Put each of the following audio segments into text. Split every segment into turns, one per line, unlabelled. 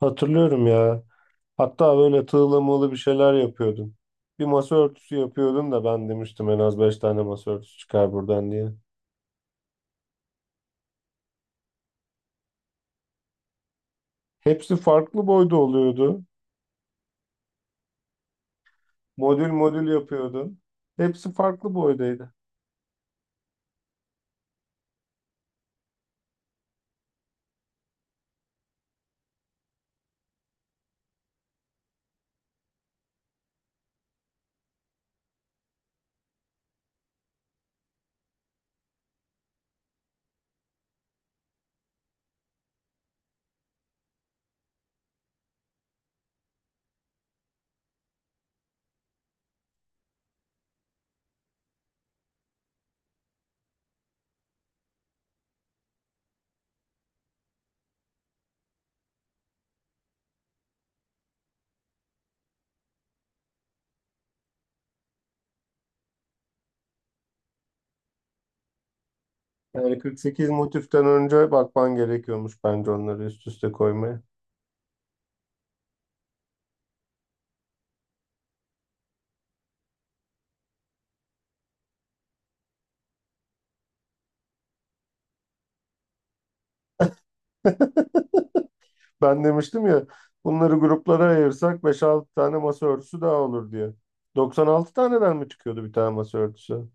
Hatırlıyorum ya. Hatta böyle tığla mığla bir şeyler yapıyordum. Bir masa örtüsü yapıyordum da ben demiştim en az 5 tane masa örtüsü çıkar buradan diye. Hepsi farklı boyda oluyordu. Modül modül yapıyordum. Hepsi farklı boydaydı. Yani 48 motiften önce bakman gerekiyormuş bence onları üst üste koymaya. Ben demiştim ya, bunları gruplara ayırsak beş 6 tane masa örtüsü daha olur diye. 96 taneden mi çıkıyordu bir tane masa örtüsü?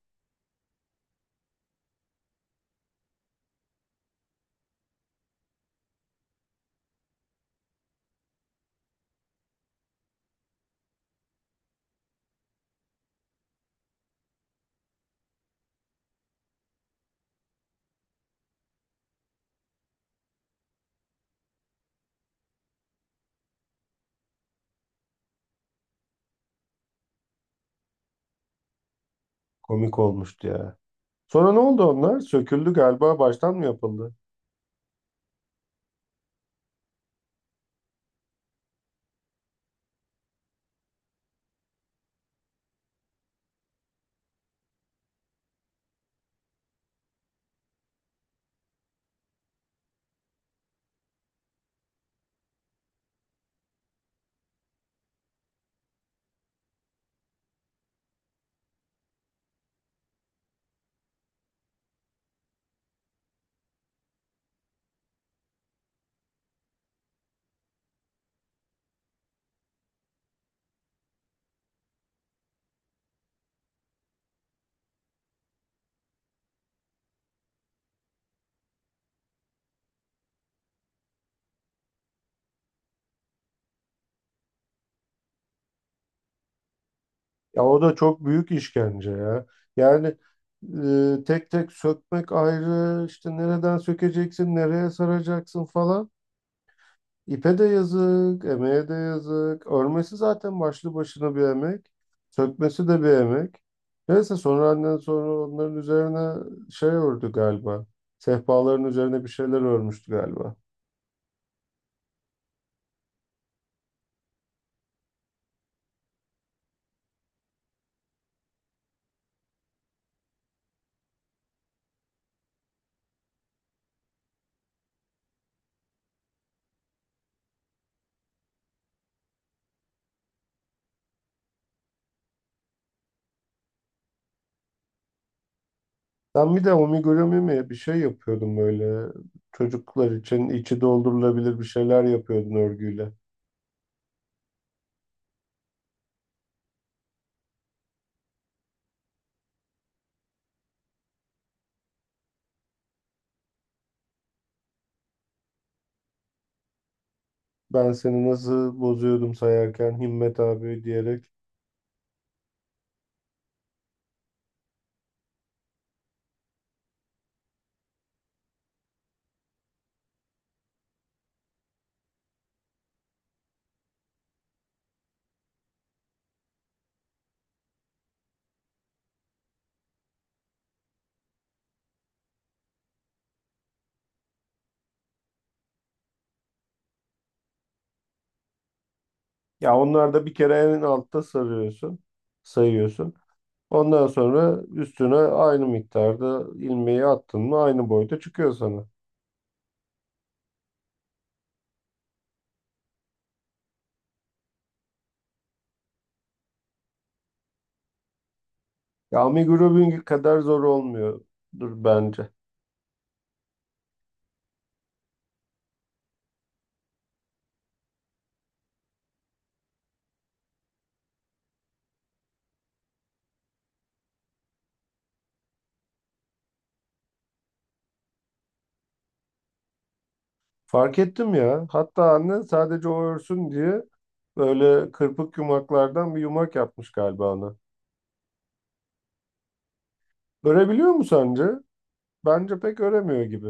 Komik olmuştu ya. Sonra ne oldu onlar? Söküldü galiba, baştan mı yapıldı? Ya o da çok büyük işkence ya. Yani tek tek sökmek ayrı, işte nereden sökeceksin, nereye saracaksın falan. İpe de yazık, emeğe de yazık. Örmesi zaten başlı başına bir emek. Sökmesi de bir emek. Neyse, sonra annen sonra onların üzerine şey ördü galiba. Sehpaların üzerine bir şeyler örmüştü galiba. Ben bir de omigurumi mi bir şey yapıyordum böyle. Çocuklar için içi doldurulabilir bir şeyler yapıyordun örgüyle. Ben seni nasıl bozuyordum sayarken Himmet abi diyerek. Ya onlar da bir kere en altta sarıyorsun, sayıyorsun. Ondan sonra üstüne aynı miktarda ilmeği attın mı aynı boyda çıkıyor sana. Ya amigurumi kadar zor olmuyor bence. Fark ettim ya. Hatta anne sadece o örsün diye böyle kırpık yumaklardan bir yumak yapmış galiba ona. Örebiliyor mu sence? Bence pek öremiyor gibi.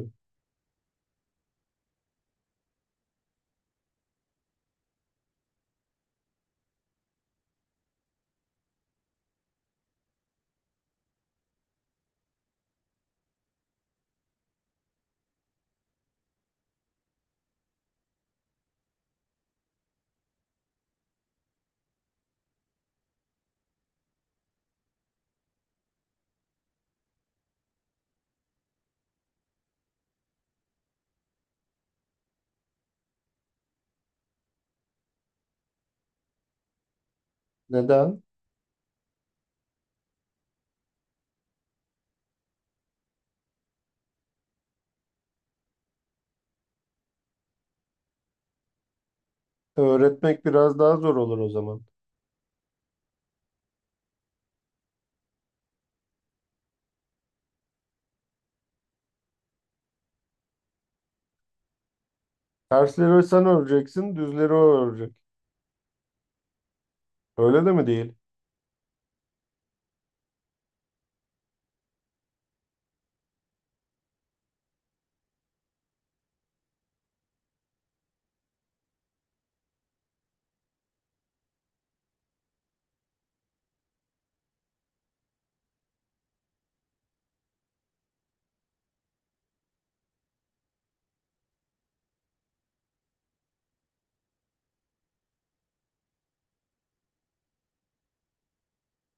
Neden? Öğretmek biraz daha zor olur o zaman. Tersleri sen öreceksin, düzleri o örecek. Öyle de mi değil?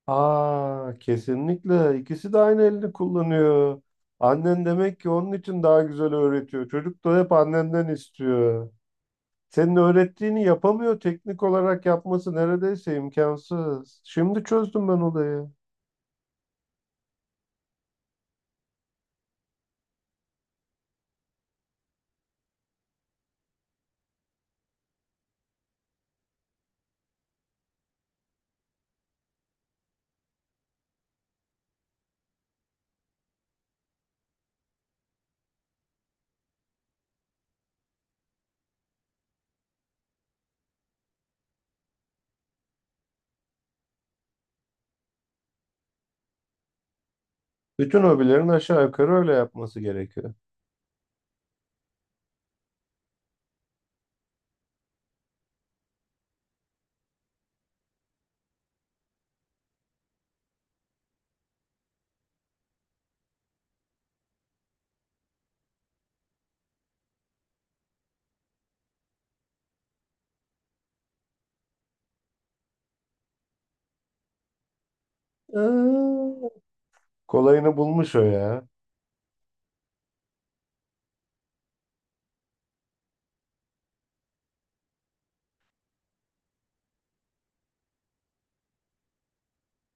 Aa, kesinlikle. İkisi de aynı elini kullanıyor. Annen demek ki onun için daha güzel öğretiyor. Çocuk da hep annenden istiyor. Senin öğrettiğini yapamıyor. Teknik olarak yapması neredeyse imkansız. Şimdi çözdüm ben olayı. Bütün hobilerin aşağı yukarı öyle yapması gerekiyor. Aa, kolayını bulmuş o ya.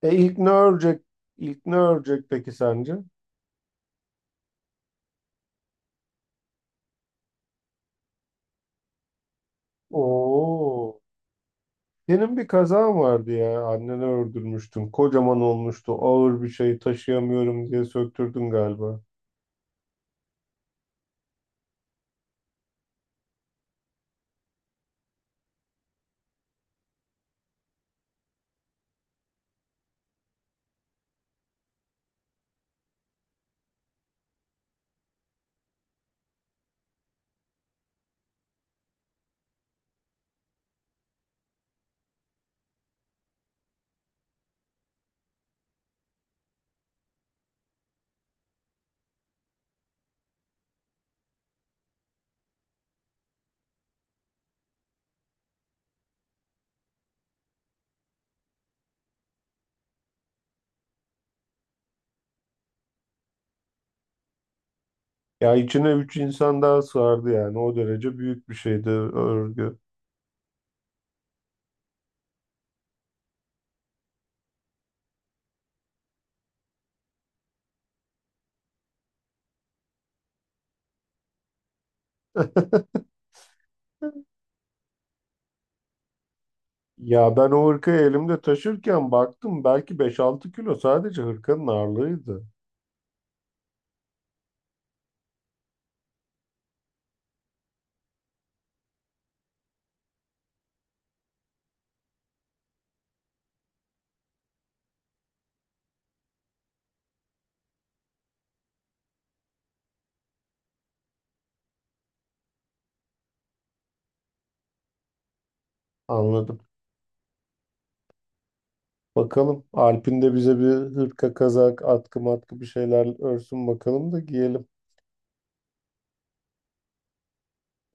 E ilk ne örecek? İlk ne örecek peki sence? Oo. Senin bir kazan vardı ya. Anneni öldürmüştün. Kocaman olmuştu. Ağır bir şey taşıyamıyorum diye söktürdün galiba. Ya içine üç insan daha sığardı yani. O derece büyük bir şeydi örgü. Ya ben o hırkayı elimde taşırken baktım belki 5-6 kilo sadece hırkanın ağırlığıydı. Anladım. Bakalım Alp'in de bize bir hırka, kazak, atkı matkı bir şeyler örsün bakalım da giyelim.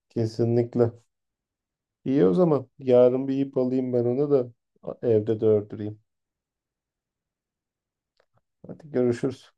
Kesinlikle. İyi o zaman. Yarın bir ip alayım ben onu da evde de ördüreyim. Hadi görüşürüz.